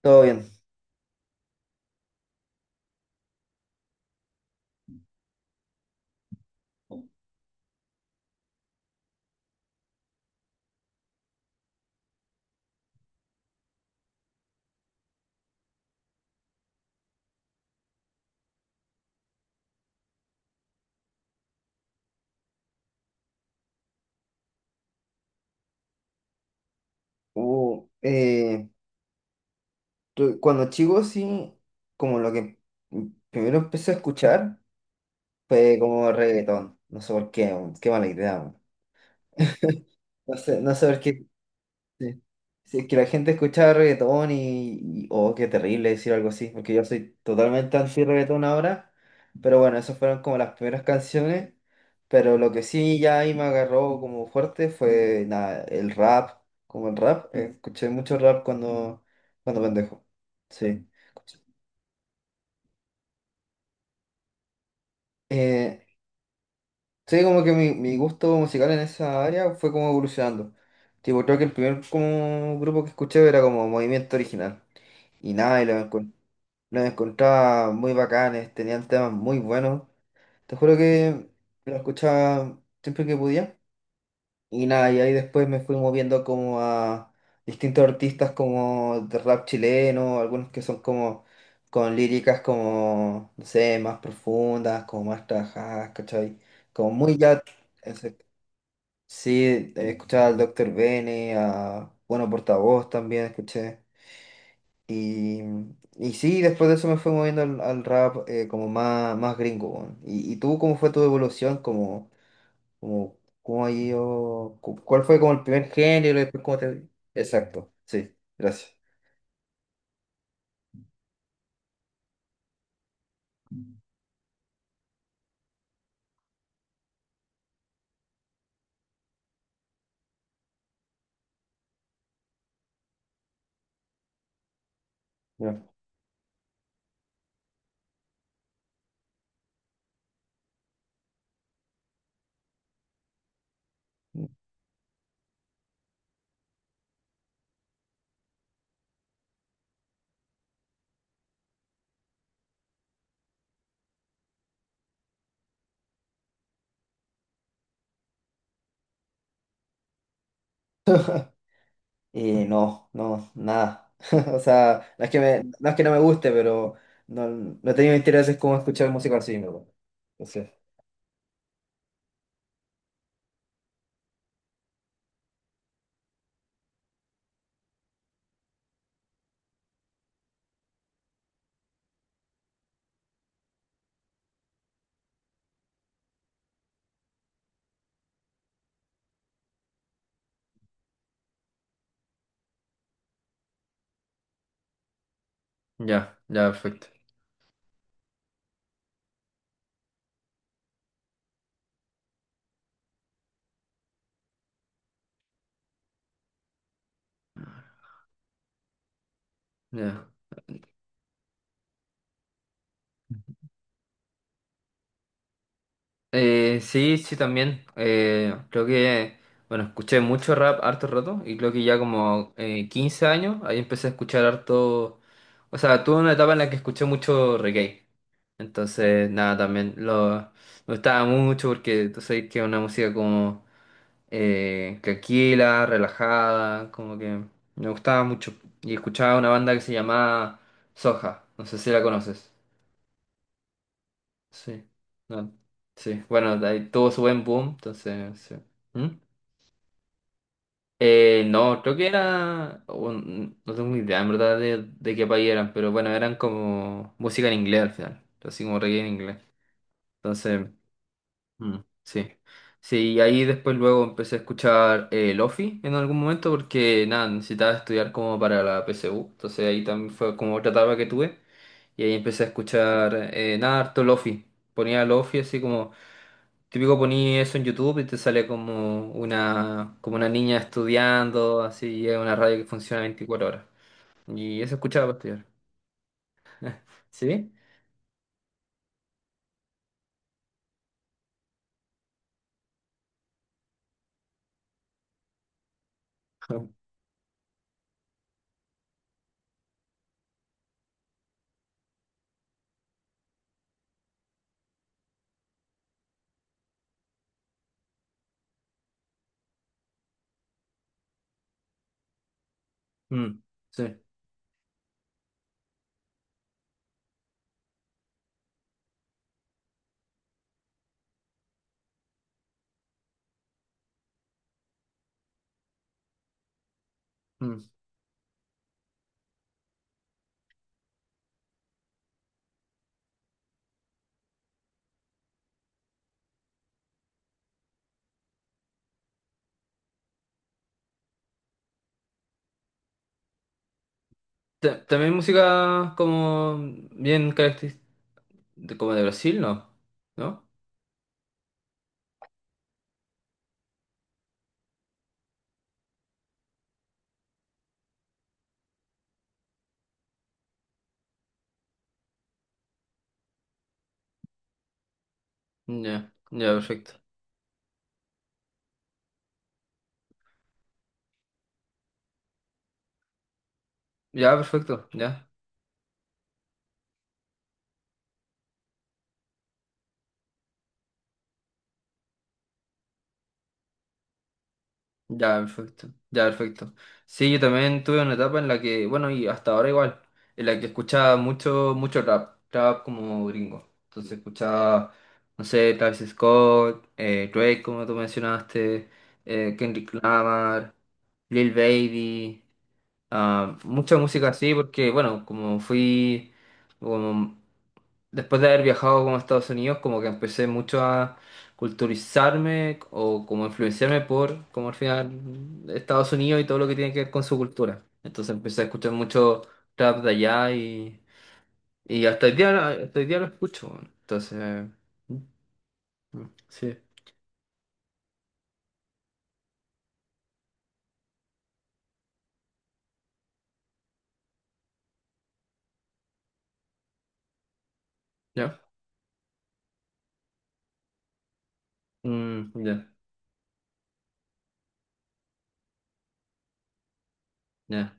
Todo bien. Hubo, cuando chico sí, como lo que primero empecé a escuchar fue como reggaetón. No sé por qué, weón, qué mala idea. Weón. No sé por qué. Sí. Sí, es que la gente escuchaba reggaetón oh, qué terrible decir algo así, porque yo soy totalmente anti-reggaetón ahora. Pero bueno, esas fueron como las primeras canciones. Pero lo que sí ya ahí me agarró como fuerte fue nada, el rap, como el rap. Escuché mucho rap cuando pendejo. Sí. Eh, sí, como que mi gusto musical en esa área fue como evolucionando. Tipo, creo que el primer como grupo que escuché era como Movimiento Original. Y nada, y lo encontré Los encontraba muy bacanes, tenían temas muy buenos. Te juro que lo escuchaba siempre que podía. Y nada, y ahí después me fui moviendo como a distintos artistas como de rap chileno, algunos que son como con líricas como, no sé, más profundas, como más trabajadas, ¿cachai? Como muy ya... exacto. Sí, escuchaba al doctor Bene, a Bueno Portavoz también escuché. Y, y sí, después de eso me fui moviendo al rap como más, más gringo, weón. Y tú cómo fue tu evolución? ¿Cómo, cómo ha ido? ¿Cuál fue como el primer género? Y después cómo te... Exacto, sí, gracias. Ya. No, no, nada. O sea, no es que no me guste, pero no, no he tenido intereses como escuchar música así, ¿no? Entonces, ya, ya, perfecto. Ya. Sí, sí, también. Creo que, bueno, escuché mucho rap harto rato y creo que ya como 15 años ahí empecé a escuchar harto. O sea, tuve una etapa en la que escuché mucho reggae. Entonces, nada, también lo, me gustaba mucho porque tú sabes que es una música como tranquila, relajada, como que me gustaba mucho. Y escuchaba una banda que se llamaba Soja, no sé si la conoces. Sí, no, sí, bueno, de ahí tuvo su buen boom, entonces, sí. ¿Mm? No, creo que no tengo ni idea en verdad de qué país eran, pero bueno, eran como música en inglés al final, así como reggae en inglés. Entonces, mm, sí, sí, y ahí después luego empecé a escuchar Lofi en algún momento porque nada, necesitaba estudiar como para la PSU, entonces ahí también fue como otra etapa que tuve y ahí empecé a escuchar nada, harto Lofi, ponía Lofi así como, típico ponía eso en YouTube y te sale como una niña estudiando, así, y es una radio que funciona 24 horas y eso escuchaba para estudiar, ¿sí? Mm, sí. Mm. También música como bien característica, como de Brasil, ¿no? ¿No? Ya, ya, perfecto. Ya, perfecto, ya. Ya, perfecto. Ya, perfecto. Sí, yo también tuve una etapa en la que, bueno, y hasta ahora igual, en la que escuchaba mucho, mucho rap, rap como gringo. Entonces escuchaba, no sé, Travis Scott, Drake, como tú mencionaste, Kendrick Lamar, Lil Baby, ah, mucha música así, porque, bueno, como fui, como después de haber viajado como a Estados Unidos, como que empecé mucho a culturizarme o como influenciarme por, como al final, Estados Unidos y todo lo que tiene que ver con su cultura. Entonces empecé a escuchar mucho trap de allá y hasta el día lo escucho. Weón. Entonces, mm, sí, ya. Mm, ya, ya.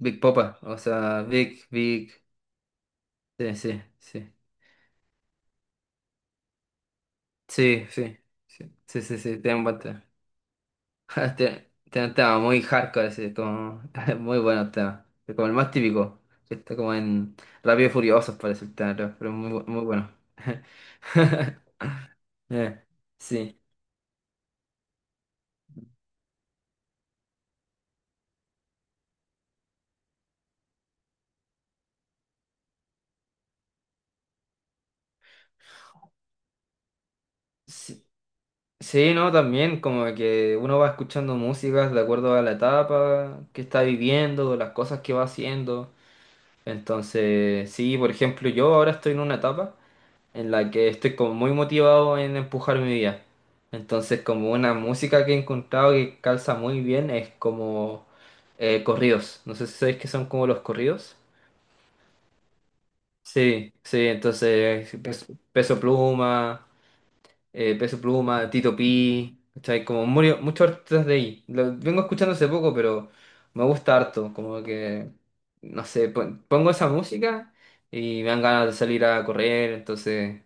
Big Popa, o sea, Big, sí, sí, sí. Sí, sí, sí, sí, sí, tiene un buen Te un tema muy hardcore, así, como muy bueno tema. Es como el más típico. Que Está como en Rápido y Furiosos parece el tema, pero muy, muy bueno. Eh, sí. Sí. Sí, no, también como que uno va escuchando músicas de acuerdo a la etapa que está viviendo, las cosas que va haciendo. Entonces, sí, por ejemplo, yo ahora estoy en una etapa en la que estoy como muy motivado en empujar mi vida. Entonces, como una música que he encontrado que calza muy bien es como corridos. No sé si sabéis qué son como los corridos. Sí, sí, entonces Peso Pluma, Tito Pi, ¿cachai? Como muchos artistas de ahí. Lo vengo escuchando hace poco, pero me gusta harto. Como que, no sé, pongo esa música y me dan ganas de salir a correr, entonces,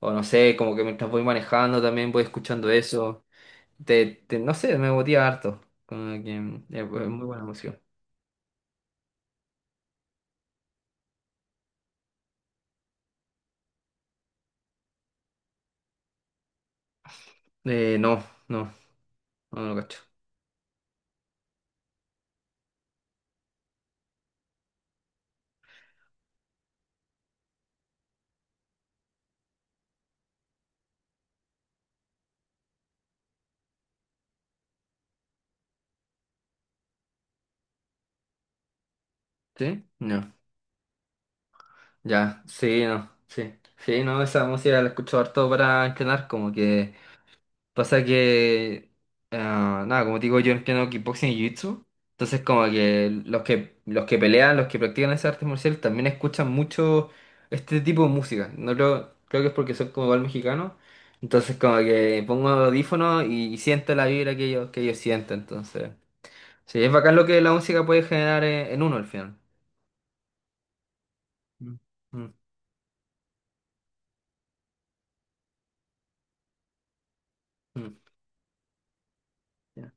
o no sé, como que mientras voy manejando también voy escuchando eso. No sé, me motiva harto. Como que mm, es es muy buena música. No, no, no lo cacho. ¿Sí? No. Ya, sí, no, sí. Sí, no, esa música la escucho harto para entrenar, como que. Pasa que, ah, nada, como te digo, yo entreno kickboxing y jiu-jitsu. Entonces, como que los que pelean, los que practican esas artes marciales, también escuchan mucho este tipo de música. No creo, creo que es porque soy como igual mexicano. Entonces, como que pongo audífonos y siento la vibra que ellos sienten. Entonces, sí, es bacán lo que la música puede generar en uno al final. Mm, mm, mm, ya.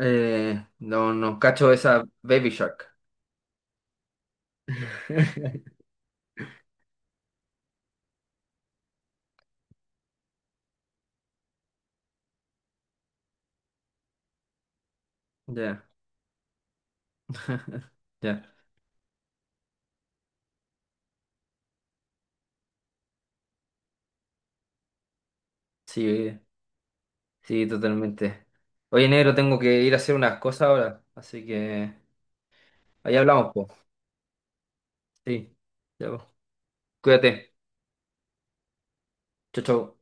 No, no cacho esa Baby Shark. Ya. Ya. Sí, sí, totalmente. Oye, negro, tengo que ir a hacer unas cosas ahora, así que ahí hablamos, pues. Sí, ya, po. Cuídate. Chau, chau.